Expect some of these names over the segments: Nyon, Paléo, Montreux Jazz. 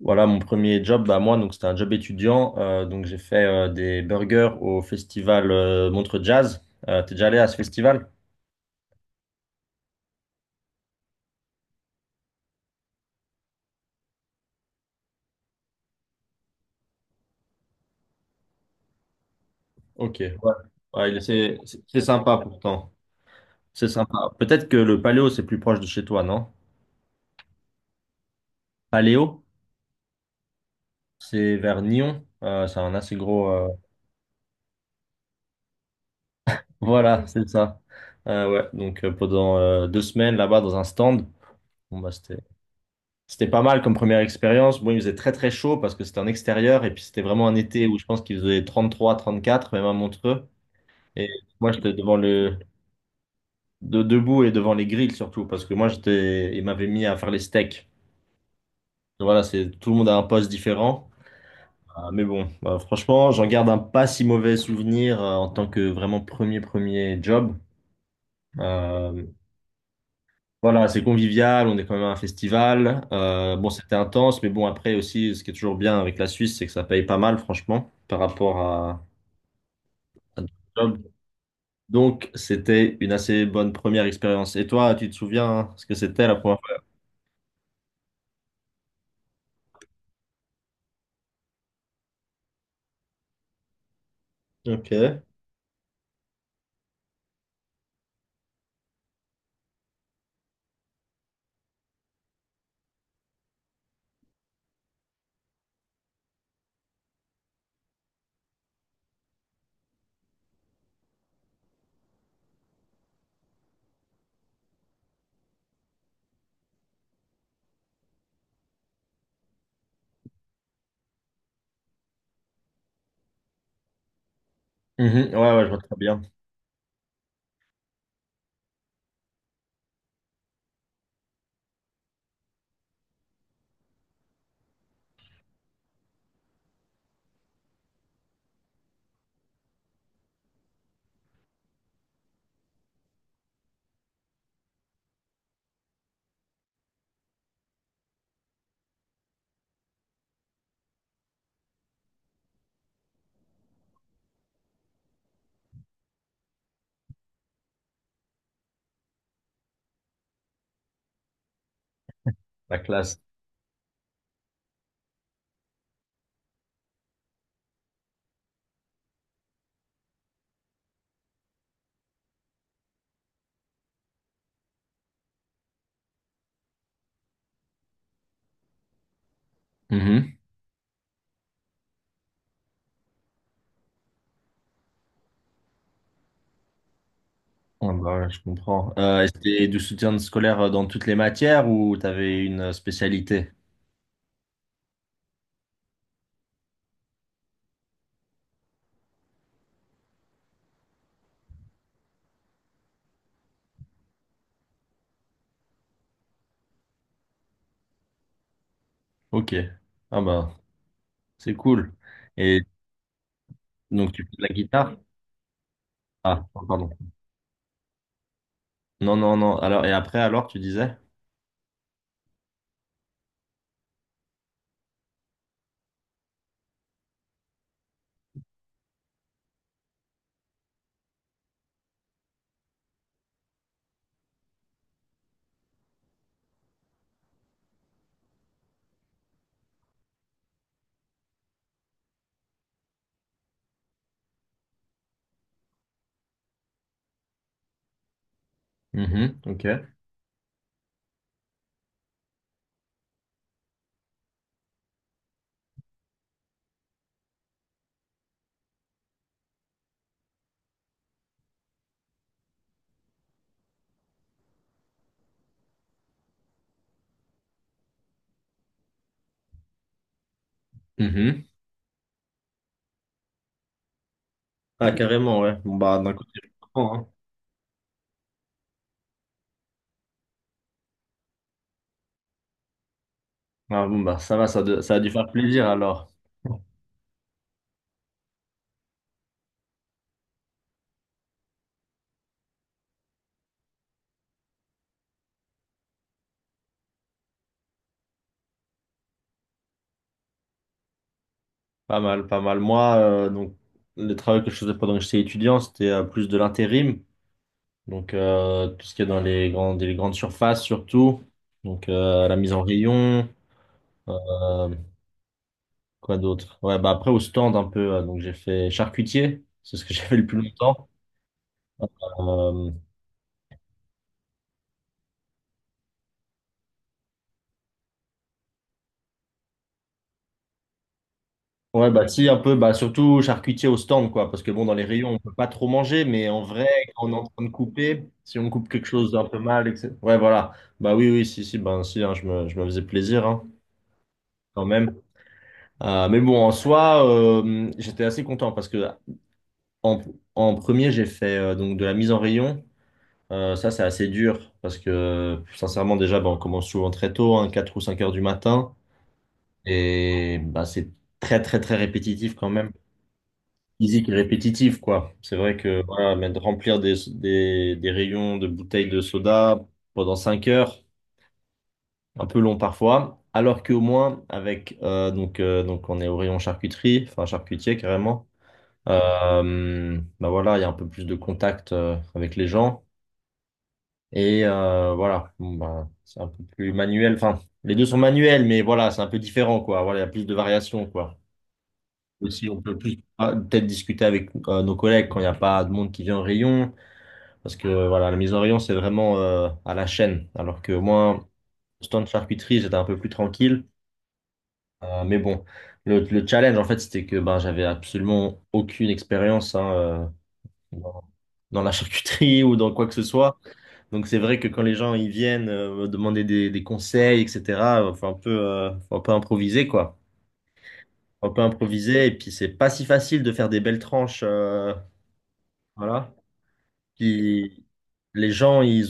Voilà mon premier job, bah moi donc c'était un job étudiant, donc j'ai fait des burgers au festival Montreux Jazz. T'es déjà allé à ce festival? Ok. Ouais. Ouais, c'est sympa pourtant, c'est sympa. Peut-être que le Paléo c'est plus proche de chez toi, non? Paléo, c'est vers Nyon. C'est un assez gros. Voilà, c'est ça. Ouais, donc pendant 2 semaines là-bas dans un stand. bon bah c'était C'était pas mal comme première expérience. Bon, il faisait très très chaud parce que c'était en extérieur et puis c'était vraiment un été où je pense qu'il faisait 33 34 même à Montreux. Et moi, j'étais devant debout et devant les grilles, surtout parce que moi, il m'avait mis à faire les steaks. Donc voilà, tout le monde a un poste différent. Ah, mais bon, bah, franchement, j'en garde un pas si mauvais souvenir en tant que vraiment premier job. Euh, Voilà, c'est convivial, on est quand même à un festival. Bon, c'était intense, mais bon, après aussi, ce qui est toujours bien avec la Suisse, c'est que ça paye pas mal, franchement, par rapport à d'autres jobs. Donc, c'était une assez bonne première expérience. Et toi, tu te souviens hein, ce que c'était la première fois? Ok. Mhm. Ouais, ouais, je vois très bien. La classe. Mhm. Ah bah ouais, je comprends. Et c'était du soutien scolaire dans toutes les matières ou t'avais une spécialité? Ok. Ah bah, c'est cool. Et donc, tu fais de la guitare? Ah, pardon. Non, non, non. Alors, et après, alors, tu disais? Mhm, ok. Mhm. Ah, carrément, ouais. Bon, bah, d'un côté, je comprends, hein. Ah, bon, bah, ça va, ça a dû faire plaisir, alors. Pas mal, pas mal. Moi, donc, le travail que je faisais pendant que j'étais étudiant, c'était plus de l'intérim. Donc, tout ce qui est dans les grandes surfaces, surtout. Donc, la mise en rayon. euh, quoi d'autre? Ouais, bah, après, au stand, un peu. Donc, j'ai fait charcutier. C'est ce que j'ai fait le plus longtemps. Euh, Ouais, bah si, un peu, bah surtout charcutier au stand, quoi, parce que bon, dans les rayons, on peut pas trop manger, mais en vrai, quand on est en train de couper, si on coupe quelque chose d'un peu mal, etc. Ouais, voilà. Bah oui, oui, si, si, ben si, hein, je me faisais plaisir, hein, quand même. Mais bon, en soi, j'étais assez content parce que en, en premier, j'ai fait donc de la mise en rayon. Ça, c'est assez dur parce que sincèrement, déjà, bah, on commence souvent très tôt, hein, 4 ou 5 heures du matin, et bah c'est très, très, très répétitif quand même. Physique et répétitif, quoi. C'est vrai que voilà, mais de remplir des rayons de bouteilles de soda pendant 5 heures, un peu long parfois, alors qu'au moins avec donc on est au rayon charcuterie, enfin charcutier carrément. Bah voilà, il y a un peu plus de contact avec les gens et voilà, bon, bah, c'est un peu plus manuel. Enfin, les deux sont manuels, mais voilà, c'est un peu différent, quoi. Voilà, il y a plus de variations, quoi. Aussi, on peut plus peut-être discuter avec nos collègues quand il n'y a pas de monde qui vient au rayon. Parce que voilà, la mise en rayon, c'est vraiment à la chaîne. Alors que moi, stand charcuterie, j'étais un peu plus tranquille. Mais bon, le challenge, en fait, c'était que ben, j'avais absolument aucune expérience hein, dans, dans la charcuterie ou dans quoi que ce soit. Donc c'est vrai que quand les gens ils viennent me demander des conseils, etc., il faut un peu improviser, quoi. Faut un peu improviser. Et puis c'est pas si facile de faire des belles tranches. Voilà. Puis les gens, ils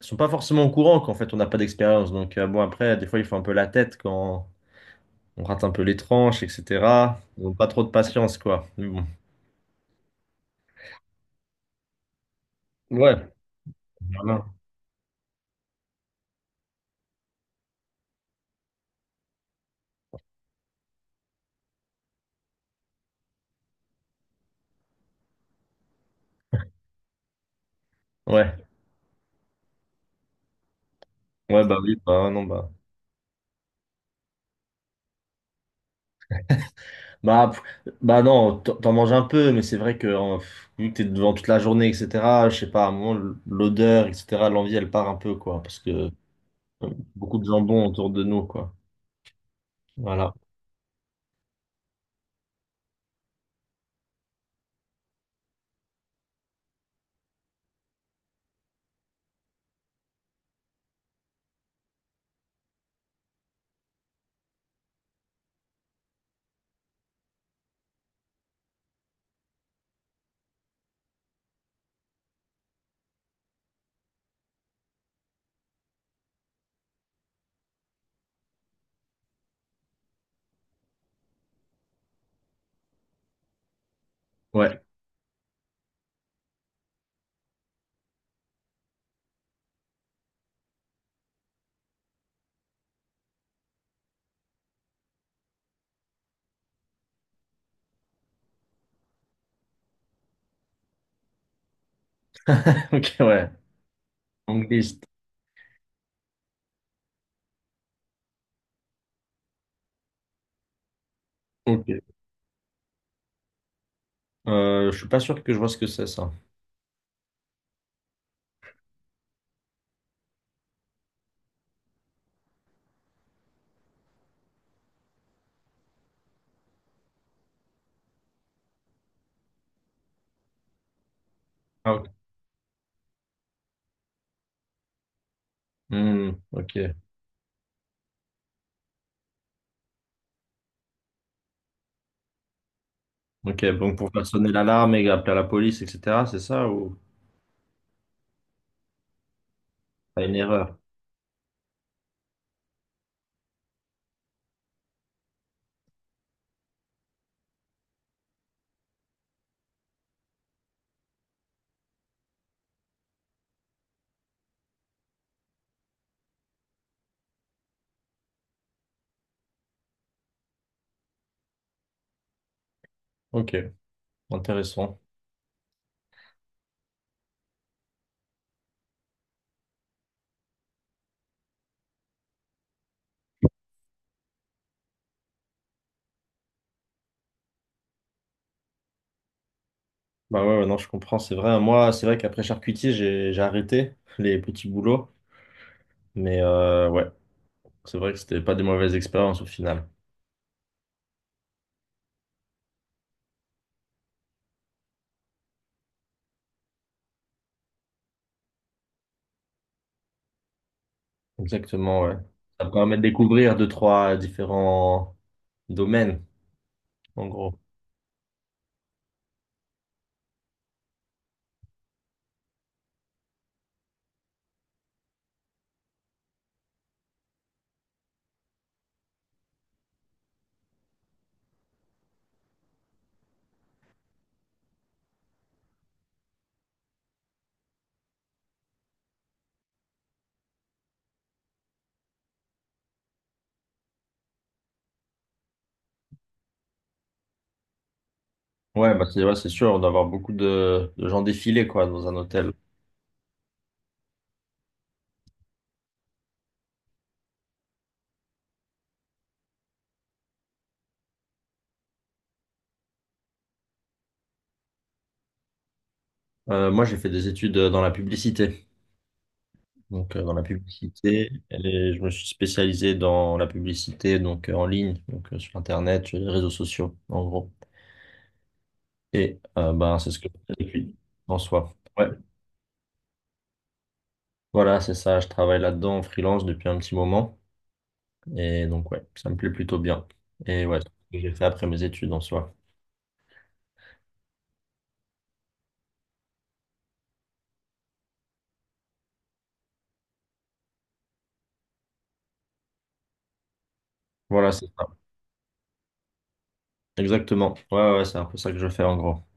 sont pas forcément au courant qu'en fait on n'a pas d'expérience. Donc bon après, des fois ils font un peu la tête quand on rate un peu les tranches, etc. Ils n'ont pas trop de patience, quoi. Mais bon. Ouais. Voilà. Ouais. Ouais, bah oui, bah non, bah. Bah, bah non, t'en manges un peu, mais c'est vrai que vu que t'es devant toute la journée, etc., je sais pas, à un moment, l'odeur, etc., l'envie, elle part un peu, quoi, parce que beaucoup de jambon autour de nous, quoi. Voilà. Ouais. Ok, ouais. Angliste. Ok. Je suis pas sûr que je vois ce que c'est, ça. Ah, ok. Hmm, ok, ok. Donc pour faire sonner l'alarme et appeler la police, etc., c'est ça ou pas une erreur? Ok, intéressant. Bah ouais, ouais, non, je comprends, c'est vrai, hein. Moi, c'est vrai qu'après charcutier, j'ai arrêté les petits boulots, mais ouais, c'est vrai que c'était pas des mauvaises expériences au final. Exactement, ouais. Ça permet de découvrir deux, trois différents domaines, en gros. Ouais, bah c'est ouais, c'est sûr, on doit avoir beaucoup de gens défiler quoi dans un hôtel. Moi, j'ai fait des études dans la publicité, donc dans la publicité. Et je me suis spécialisé dans la publicité donc en ligne, donc sur Internet, sur les réseaux sociaux, en gros. Et ben, c'est ce que je fais depuis en soi. Ouais. Voilà, c'est ça. Je travaille là-dedans en freelance depuis un petit moment. Et donc, ouais, ça me plaît plutôt bien. Et ouais, c'est ce que j'ai fait après mes études en soi. Voilà, c'est ça. Exactement. Ouais, ouais, ouais, c'est un peu ça que je fais en gros.